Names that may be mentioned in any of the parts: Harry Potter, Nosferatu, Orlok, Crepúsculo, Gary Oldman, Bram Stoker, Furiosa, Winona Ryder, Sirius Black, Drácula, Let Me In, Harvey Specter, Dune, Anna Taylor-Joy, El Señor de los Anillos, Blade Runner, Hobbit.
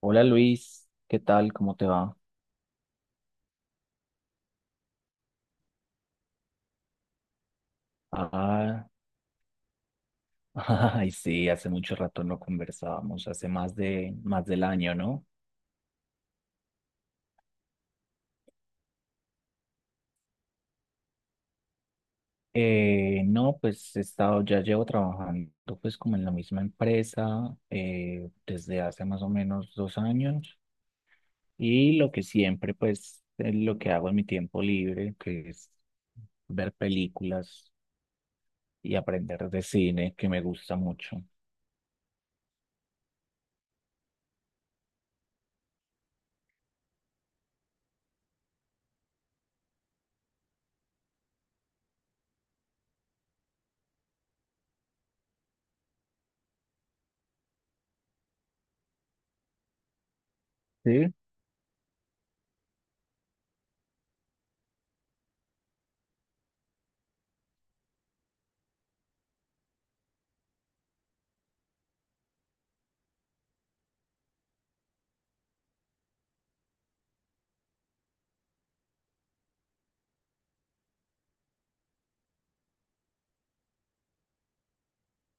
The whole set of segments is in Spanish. Hola Luis, ¿qué tal? ¿Cómo te va? Ah, ay, sí, hace mucho rato no conversábamos, hace más de más del año, ¿no? No, pues he estado, ya llevo trabajando pues como en la misma empresa desde hace más o menos 2 años y lo que siempre pues lo que hago en mi tiempo libre, que es ver películas y aprender de cine, que me gusta mucho. Sí.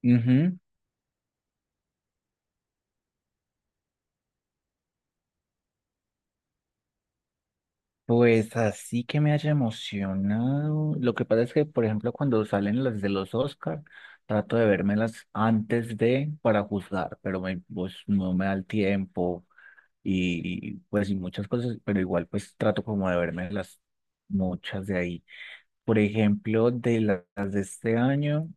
Ujú. Pues así que me haya emocionado. Lo que pasa es que, por ejemplo, cuando salen las de los Oscar, trato de vérmelas antes de para juzgar, pero pues, no me da el tiempo y pues y muchas cosas, pero igual pues trato como de vérmelas muchas de ahí. Por ejemplo, de las de este año,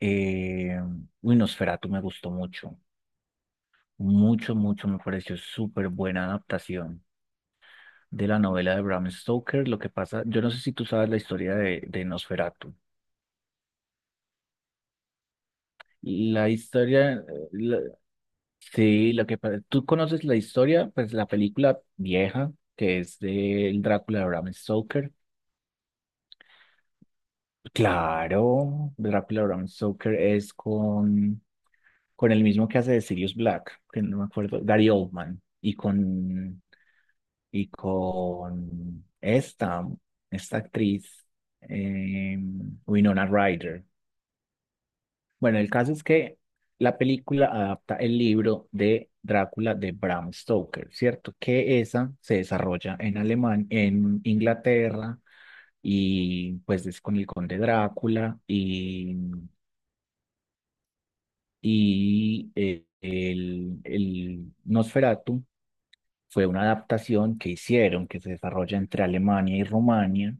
eh, uy, Nosferatu me gustó mucho, me pareció súper buena adaptación de la novela de Bram Stoker. Lo que pasa, yo no sé si tú sabes la historia de Nosferatu. La historia, sí, lo que pasa, tú conoces la historia, pues la película vieja, que es del Drácula de Bram Stoker. Claro, Drácula de Bram Stoker es con el mismo que hace de Sirius Black, que no me acuerdo, Gary Oldman, y con esta, esta actriz, eh, Winona Ryder. Bueno, el caso es que la película adapta el libro de Drácula de Bram Stoker, ¿cierto? Que esa se desarrolla en Alemania, en Inglaterra, y pues es con el conde Drácula y el Nosferatu fue una adaptación que hicieron que se desarrolla entre Alemania y Rumania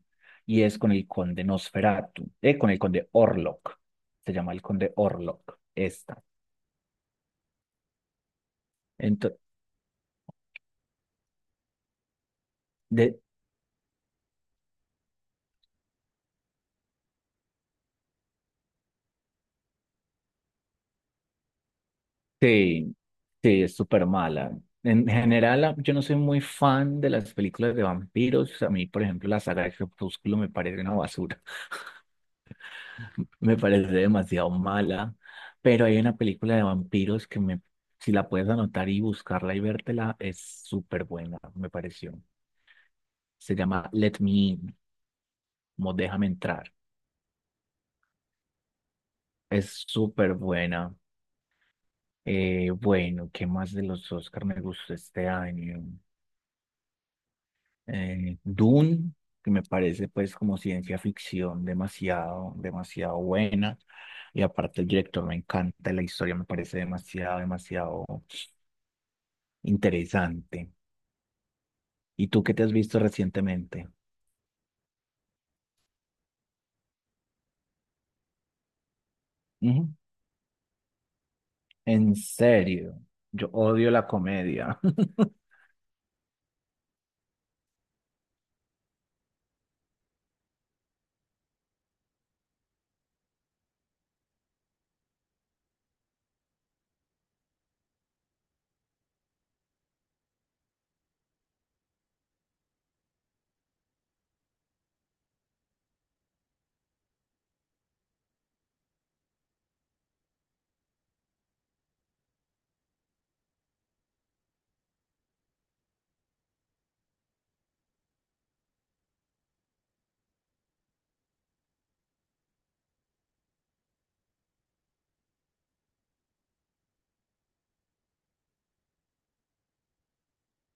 y es con el conde Nosferatu, con el conde Orlok, se llama el conde Orlok, esta. Ento- De, sí, sí, es súper mala. En general, yo no soy muy fan de las películas de vampiros. A mí, por ejemplo, la saga de Crepúsculo me parece una basura. Me parece demasiado mala. Pero hay una película de vampiros si la puedes anotar y buscarla y vértela, es súper buena, me pareció. Se llama Let Me In, como Déjame Entrar. Es súper buena. Bueno, ¿Qué más de los Oscar me gustó este año? Eh, Dune, que me parece pues como ciencia ficción demasiado buena. Y aparte el director me encanta, la historia me parece demasiado interesante. ¿Y tú qué te has visto recientemente? Ujú. En serio, yo odio la comedia.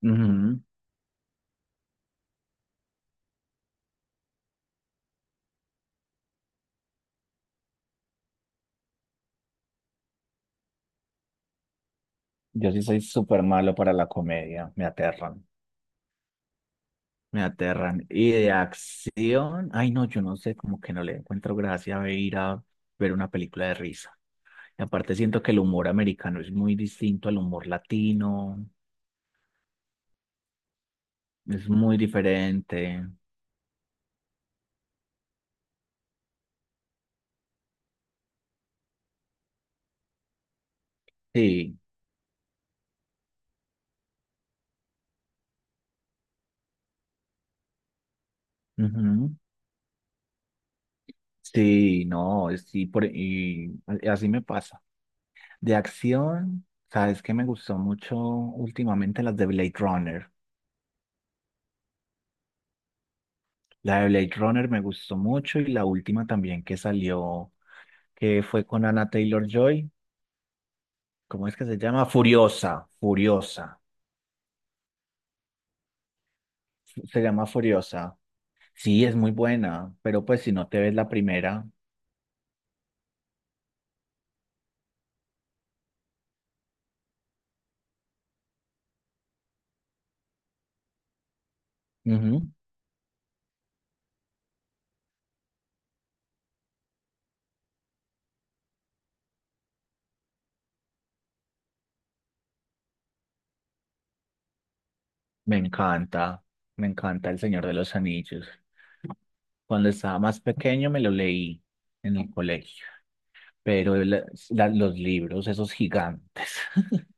Ujú. Yo sí soy súper malo para la comedia, me aterran. Me aterran. Y de acción, ay no, yo no sé, como que no le encuentro gracia a ir a ver una película de risa. Y aparte siento que el humor americano es muy distinto al humor latino, es muy diferente. Sí, ujú. Sí, no, sí, así me pasa. De acción, ¿sabes que me gustó mucho últimamente? Las de Blade Runner. La de Blade Runner me gustó mucho y la última también que salió, que fue con Anna Taylor-Joy. ¿Cómo es que se llama? Furiosa. Se llama Furiosa. Sí, es muy buena, pero pues si no te ves la primera, ujú. Me encanta, me encanta El Señor de los Anillos. Cuando estaba más pequeño me lo leí en el colegio, pero los libros, esos gigantes.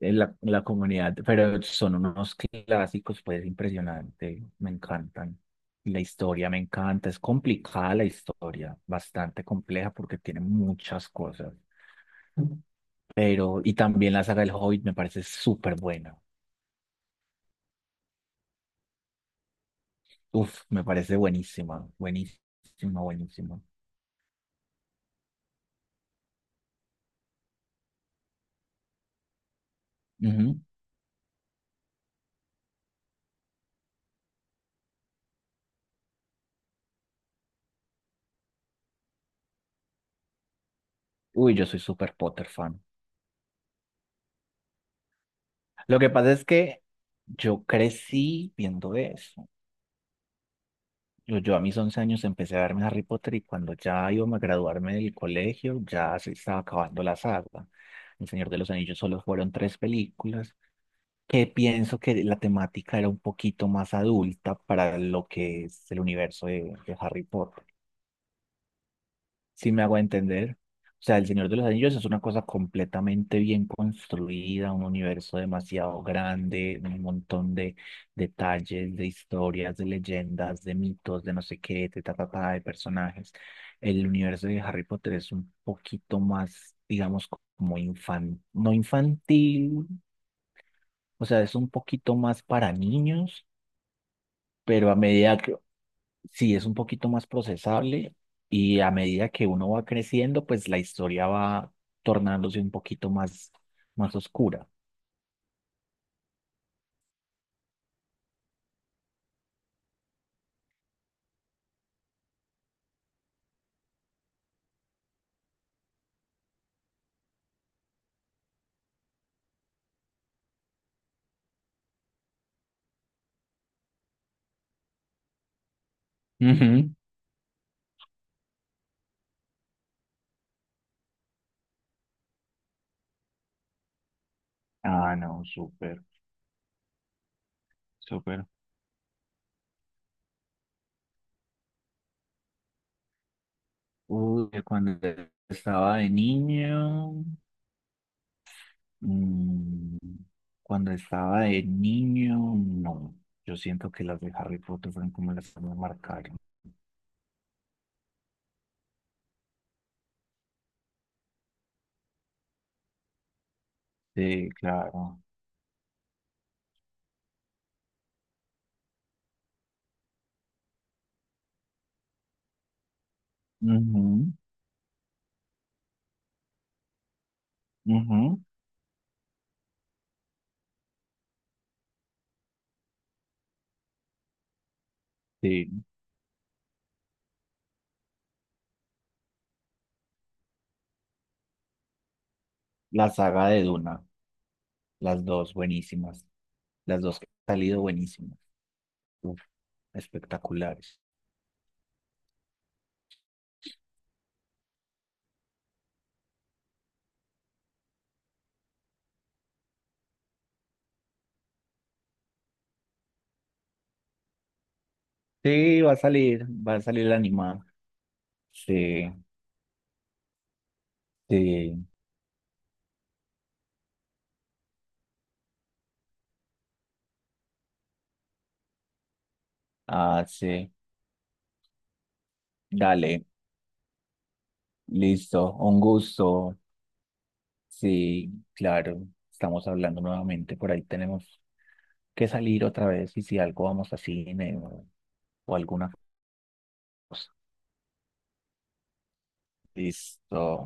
En la, en la comunidad, pero son unos clásicos, pues impresionante, me encantan. Y la historia me encanta, es complicada la historia, bastante compleja porque tiene muchas cosas, pero y también la saga del Hobbit me parece súper buena. Uf, me parece buenísima. Ujú. Uy, yo soy súper Potter fan. Lo que pasa es que yo crecí viendo eso. Yo a mis 11 años empecé a verme Harry Potter y cuando ya iba a graduarme del colegio ya se estaba acabando la saga. El Señor de los Anillos solo fueron 3 películas, que pienso que la temática era un poquito más adulta para lo que es el universo de Harry Potter si me hago entender. O sea, El Señor de los Anillos es una cosa completamente bien construida, un universo demasiado grande, un montón de detalles, de historias, de leyendas, de mitos, de no sé qué, de ta, ta, ta, de personajes. El universo de Harry Potter es un poquito más, digamos, como infantil, no infantil, o sea, es un poquito más para niños, pero a medida que, sí es un poquito más procesable y a medida que uno va creciendo, pues la historia va tornándose un poquito más, más oscura. Ujú. Ah, no, súper, súper. Uy, que cuando estaba de niño, mm, cuando estaba de niño, no. Yo siento que las de Harry Potter fueron como las que me marcaron. Sí, claro. Ujú, ujú, sí. La saga de Duna, las dos buenísimas. Las dos que han salido buenísimas. Uf, espectaculares. Sí, va a salir la animada. Sí, sí. Ah, sí. Dale, listo. Un gusto. Sí, claro. Estamos hablando nuevamente. Por ahí tenemos que salir otra vez y si algo vamos a cine o alguna cosa. Listo.